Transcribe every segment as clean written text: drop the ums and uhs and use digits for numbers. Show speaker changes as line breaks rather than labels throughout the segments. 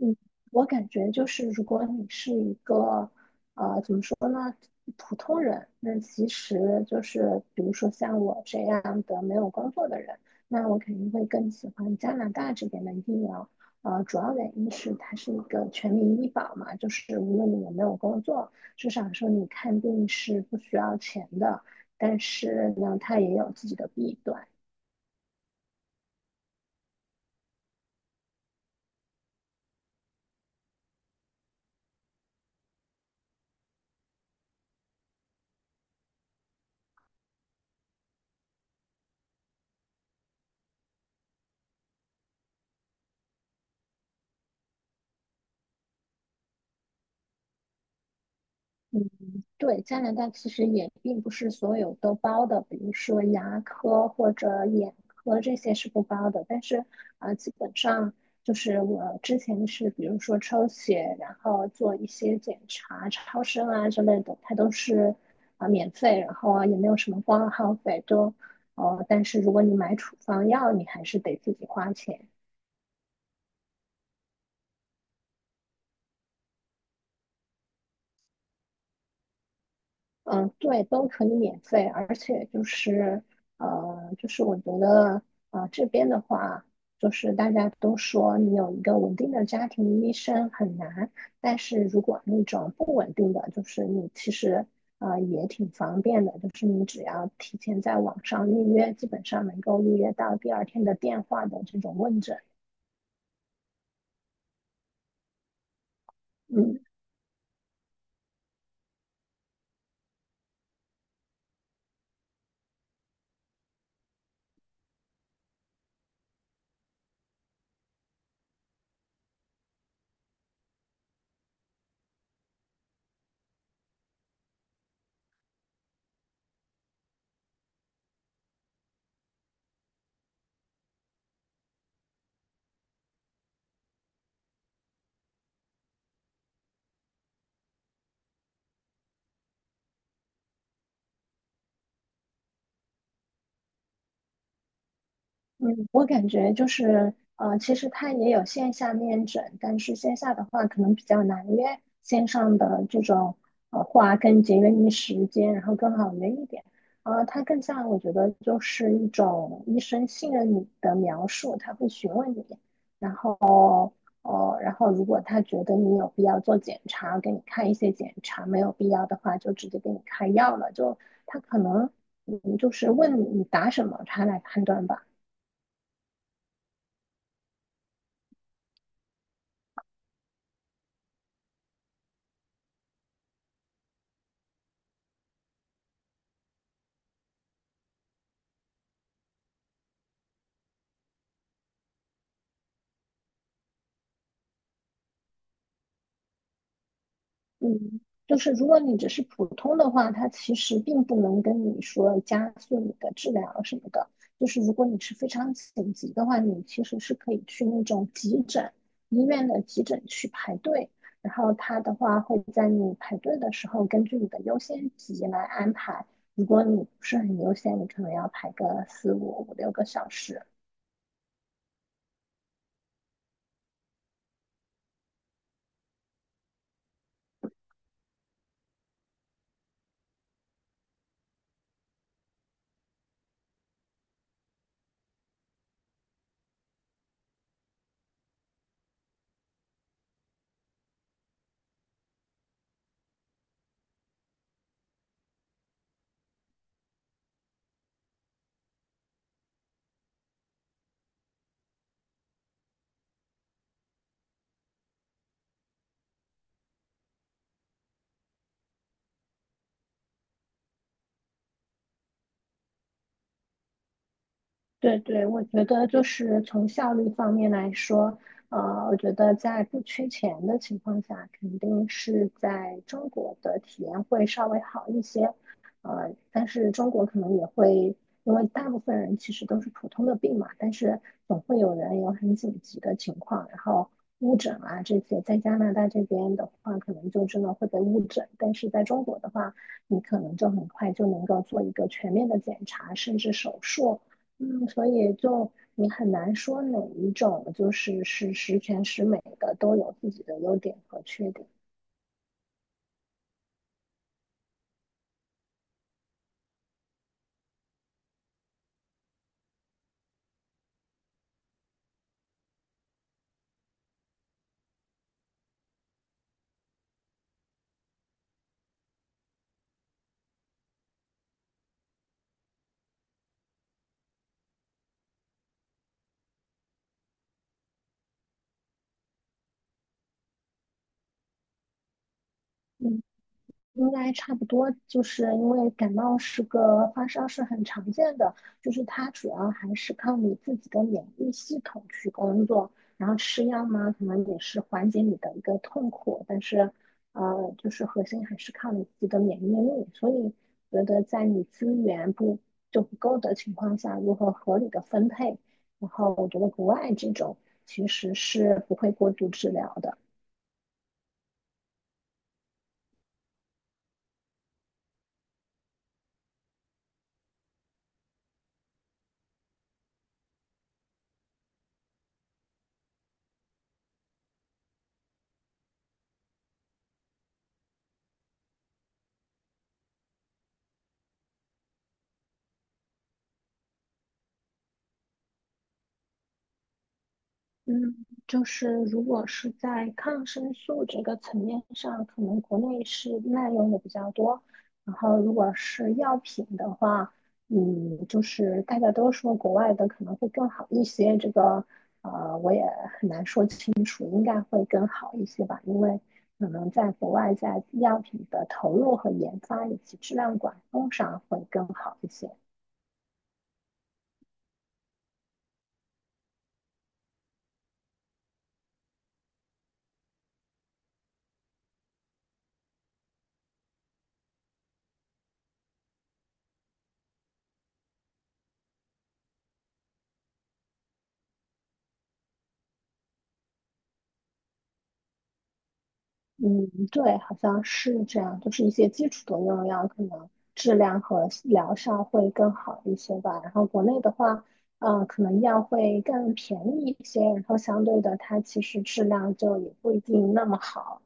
嗯，我感觉就是，如果你是一个，怎么说呢，普通人，那其实就是，比如说像我这样的没有工作的人，那我肯定会更喜欢加拿大这边的医疗。主要原因是它是一个全民医保嘛，就是无论你有没有工作，至少说你看病是不需要钱的。但是呢，它也有自己的弊端。对，加拿大其实也并不是所有都包的，比如说牙科或者眼科这些是不包的，但是基本上就是我之前是比如说抽血，然后做一些检查、超声啊之类的，它都是免费，然后啊也没有什么挂号费，都但是如果你买处方药，你还是得自己花钱。嗯，对，都可以免费，而且就是，就是我觉得，这边的话，就是大家都说你有一个稳定的家庭医生很难，但是如果那种不稳定的，就是你其实，也挺方便的，就是你只要提前在网上预约，基本上能够预约到第二天的电话的这种问诊。嗯。嗯，我感觉就是，其实它也有线下面诊，但是线下的话可能比较难约，线上的这种话更节约你时间，然后更好约一点。它更像我觉得就是一种医生信任你的描述，他会询问你，然后哦，然后如果他觉得你有必要做检查，给你看一些检查，没有必要的话就直接给你开药了，就他可能嗯就是问你答什么，他来判断吧。嗯，就是如果你只是普通的话，它其实并不能跟你说加速你的治疗什么的。就是如果你是非常紧急的话，你其实是可以去那种急诊医院的急诊去排队，然后他的话会在你排队的时候根据你的优先级来安排。如果你不是很优先，你可能要排个四五个小时。对对，我觉得就是从效率方面来说，我觉得在不缺钱的情况下，肯定是在中国的体验会稍微好一些，但是中国可能也会，因为大部分人其实都是普通的病嘛，但是总会有人有很紧急的情况，然后误诊啊这些，在加拿大这边的话，可能就真的会被误诊，但是在中国的话，你可能就很快就能够做一个全面的检查，甚至手术。嗯，所以就你很难说哪一种就是是十全十美的，都有自己的优点和缺点。嗯应该差不多，就是因为感冒是个发烧是很常见的，就是它主要还是靠你自己的免疫系统去工作，然后吃药嘛，可能也是缓解你的一个痛苦，但是就是核心还是靠你自己的免疫力，所以觉得在你资源不不够的情况下，如何合理的分配，然后我觉得国外这种其实是不会过度治疗的。嗯，就是如果是在抗生素这个层面上，可能国内是滥用的比较多。然后如果是药品的话，嗯，就是大家都说国外的可能会更好一些，这个我也很难说清楚，应该会更好一些吧，因为可能在国外在药品的投入和研发以及质量管控上会更好一些。嗯，对，好像是这样，就是一些基础的用药可能质量和疗效会更好一些吧。然后国内的话，可能药会更便宜一些，然后相对的它其实质量就也不一定那么好。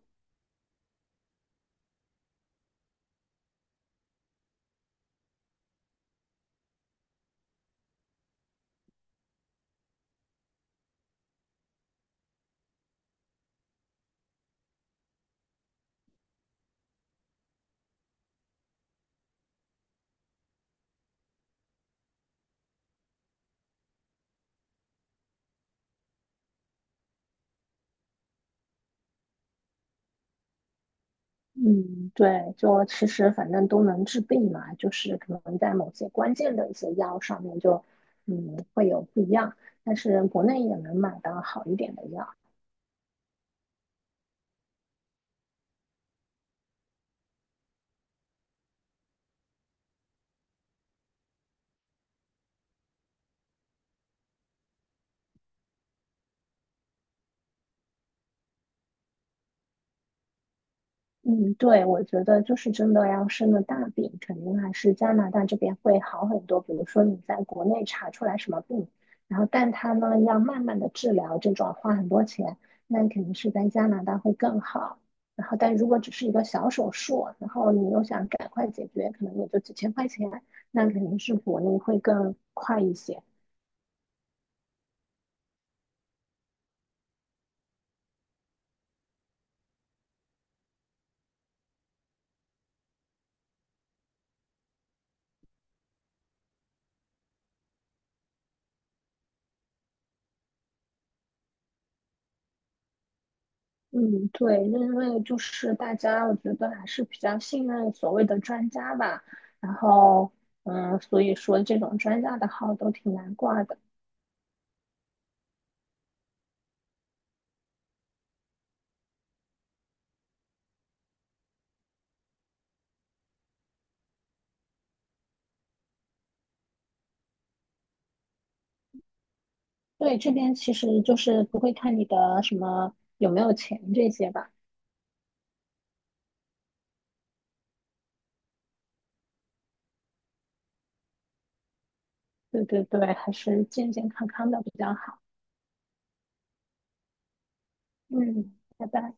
嗯，对，就其实反正都能治病嘛，就是可能在某些关键的一些药上面就，嗯，会有不一样，但是国内也能买到好一点的药。嗯，对，我觉得就是真的要生了大病，肯定还是加拿大这边会好很多。比如说你在国内查出来什么病，然后但他呢要慢慢的治疗，这种花很多钱，那肯定是在加拿大会更好。然后但如果只是一个小手术，然后你又想赶快解决，可能也就几千块钱，那肯定是国内会更快一些。嗯，对，因为就是大家，我觉得还是比较信任所谓的专家吧。然后，嗯，所以说这种专家的号都挺难挂的。对，这边其实就是不会看你的什么有没有钱这些吧。对对对，还是健健康康的比较好。嗯，拜拜。